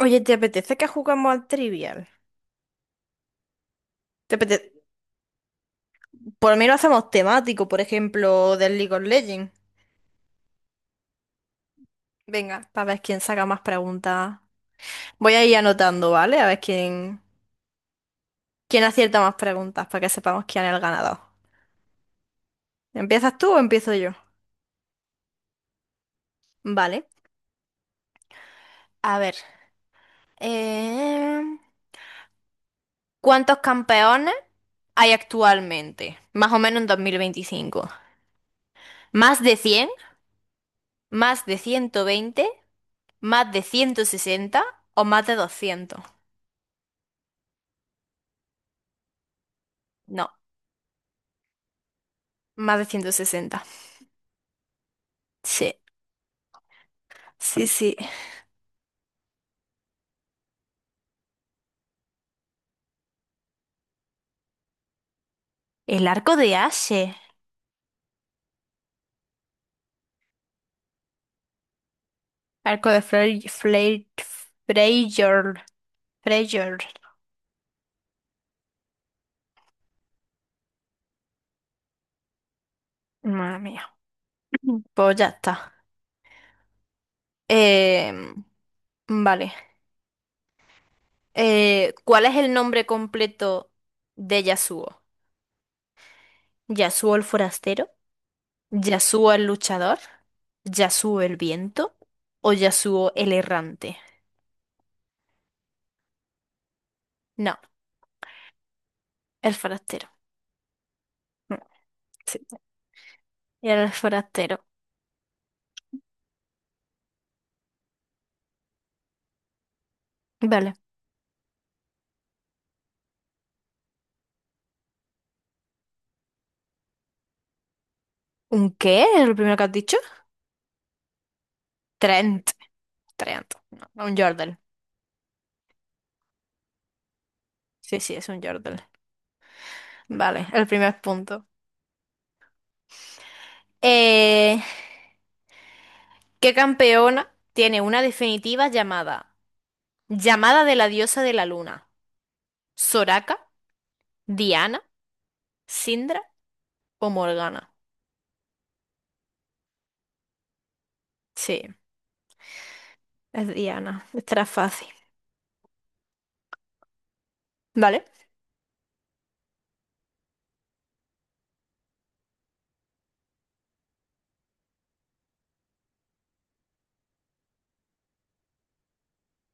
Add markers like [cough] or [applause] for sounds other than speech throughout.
Oye, ¿te apetece que jugamos al Trivial? ¿Te apetece? Por mí lo hacemos temático, por ejemplo, del League of Legends. Venga, para ver quién saca más preguntas. Voy a ir anotando, ¿vale? A ver quién acierta más preguntas para que sepamos quién es el ganador. ¿Empiezas tú o empiezo yo? Vale. A ver. eh, ¿Cuántos campeones hay actualmente, más o menos, en 2025? ¿Más de 100, más de 120, más de 160 o más de 200? No, más de 160. Sí, sí, sí. El arco de Ashe. Arco de Freyjord. Freyjord. Madre mía. [clears throat] Pues ya está. Em, vale. ¿Cuál es el nombre completo de Yasuo? ¿Yasuo el forastero? ¿Yasuo el luchador? ¿Yasuo el viento? ¿O Yasuo el errante? No, el forastero. Mm. Sí, el forastero. Vale. ¿Un qué? ¿Es lo primero que has dicho? Trent. Trent. No, no, un jordel. Sí, sí, es un jordel. Vale, el primer punto. Eh, ¿Qué campeona tiene una definitiva llamada llamada de la diosa de la luna? ¿Soraka? ¿Diana? ¿Sindra o Morgana? Sí, es Diana. Estará fácil. Vale.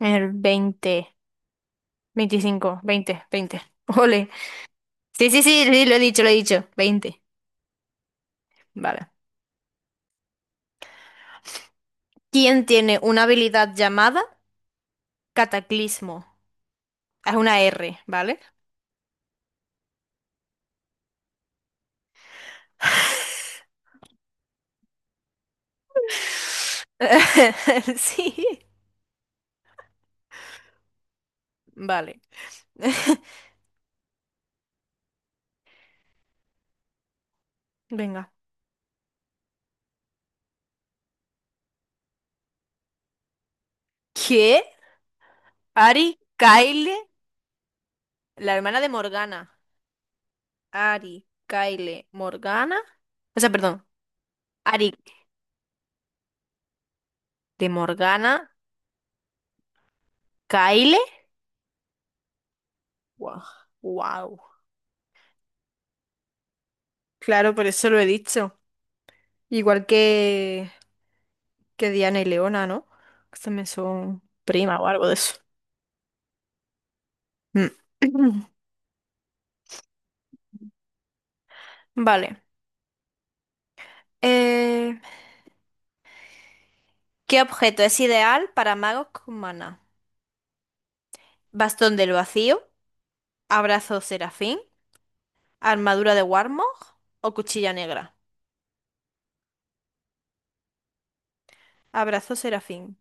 El 20, 25, 20, 20. Ole. Sí, sí, sí, sí, lo he dicho, lo he dicho. 20. Vale. ¿Quién tiene una habilidad llamada cataclismo? Es una R, ¿vale? [laughs] Sí. Vale. [laughs] Venga. ¿Qué? Ari, Kyle, la hermana de Morgana. Ari, Kyle, Morgana. O sea, perdón. Ari de Morgana, Kyle. Wow. Wow. Claro, por eso lo he dicho. Igual que Diana y Leona, ¿no? Que también son prima o algo de eso. Mm. [clears throat] Vale. Eh, ¿Qué objeto es ideal para magos con maná? ¿Bastón del vacío? ¿Abrazo serafín? ¿Armadura de Warmog? ¿O cuchilla negra? Abrazo serafín.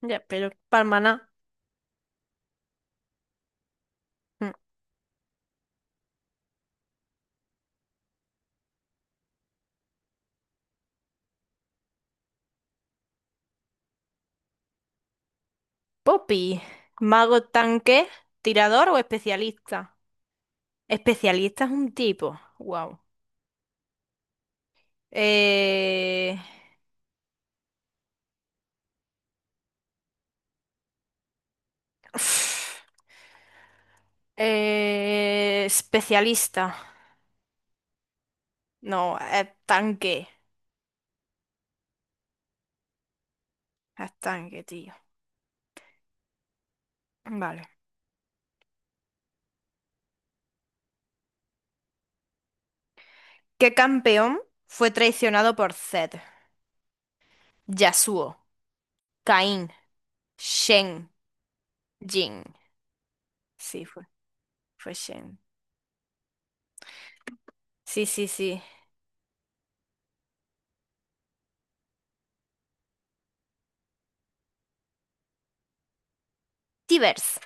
Ya, pero para el maná. Mm. Poppy. ¿Mago, tanque, tirador o especialista? Especialista es un tipo. Wow. Eh... [sniffs] [sighs] Especialista. No, tanque. Es tanque, tío. Vale. ¿Qué campeón fue traicionado por Zed? Yasuo, Caín, Shen, Jin. Sí, fue Shen. Sí, sí, sí. Tibers.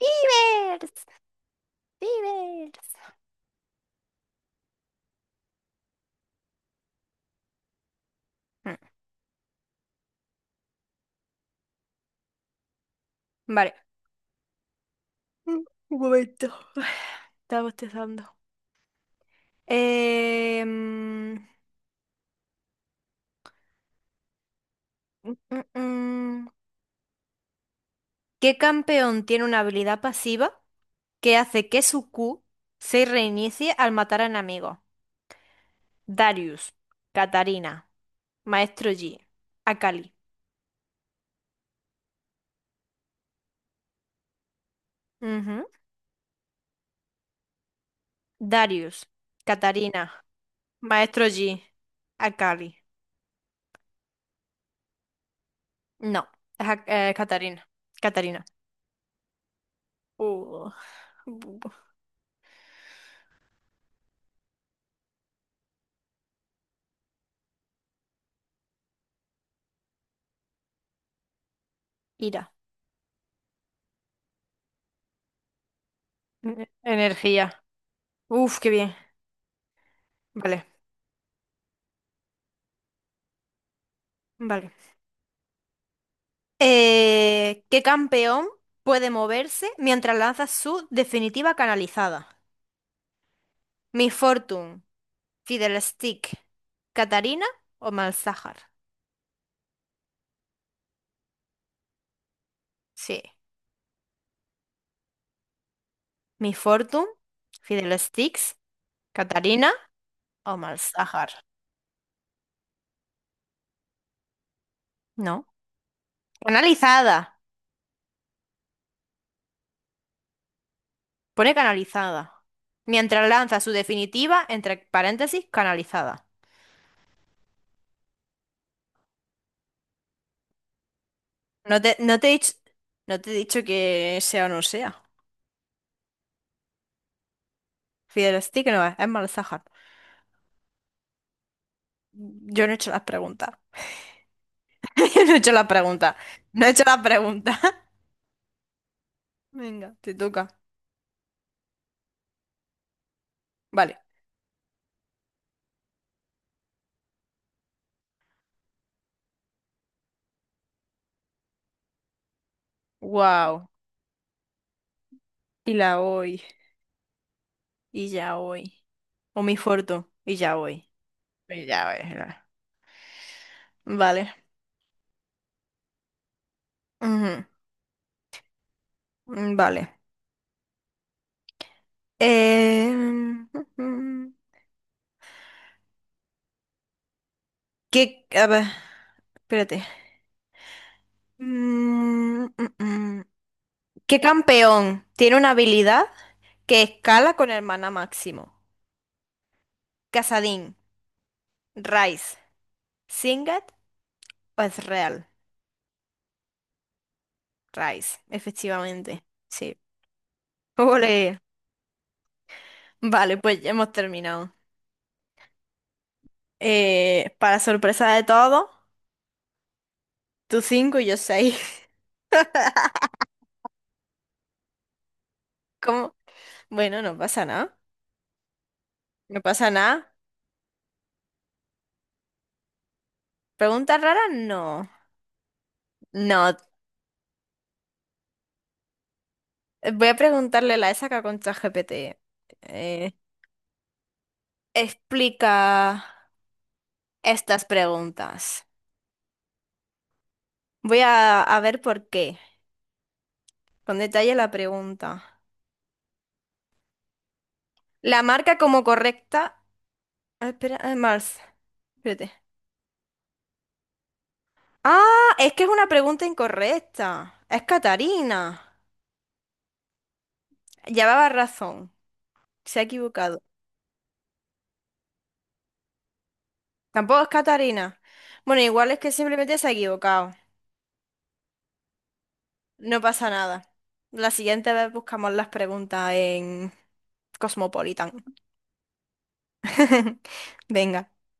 Tibers. Tibers. Mm. Vale. Mm, Un momento. [sighs] Estaba bostezando. Eh, mm, mm, mm, ¿Qué campeón tiene una habilidad pasiva que hace que su Q se reinicie al matar a enemigos? Darius, Katarina, Maestro Yi, Akali. Ujú. Darius, Katarina, Maestro Yi, Akali. No, es Katarina. Katarina. Uh, bu- bu- Ira. Energía. Uf, qué bien. Vale, vale. ¿Qué campeón puede moverse mientras lanza su definitiva canalizada? Mi Fortune, Fiddlestick, Katarina o Malzahar. Sí. Mi Fortune, Fiddlesticks, Katarina o Malzahar. No. Canalizada. Pone canalizada. Mientras lanza su definitiva, entre paréntesis, canalizada. No te, no te he dicho, no te he dicho que sea o no sea. Fiddlestick no es, es Malzahar. Yo no he hecho las preguntas. [laughs] Yo no he hecho las preguntas. No he hecho las preguntas. [laughs] Venga, te toca. Vale. Wow. Y la hoy. Y ya hoy. O mi forto. Y ya hoy. Y ya hoy era. Vale. Ujú. Mm. Vale. Eh... Ujú. [laughs] ¿Qué? A ver. Espérate. Mm, mm, mm. ¿Qué campeón tiene una habilidad que escala con el maná máximo? ¿Casadín, Rice, Singed o Ezreal? Rice, efectivamente. Sí. [laughs] Ole. Vale, pues ya hemos terminado. Para sorpresa de todos, tú cinco y yo seis. [laughs] ¿Cómo? Bueno, no pasa nada. No pasa nada. ¿Preguntas raras? No. No. Voy a preguntarle la esa que con ChatGPT. Eh, explica estas preguntas. Voy a ver por qué. Con detalle la pregunta. La marca como correcta. Ah, espera, Mars. Espérate. Ah, es que es una pregunta incorrecta. Es Catarina. Llevaba razón. Se ha equivocado. Tampoco es Catarina. Bueno, igual es que simplemente se ha equivocado. No pasa nada. La siguiente vez buscamos las preguntas en Cosmopolitan. [laughs] Venga.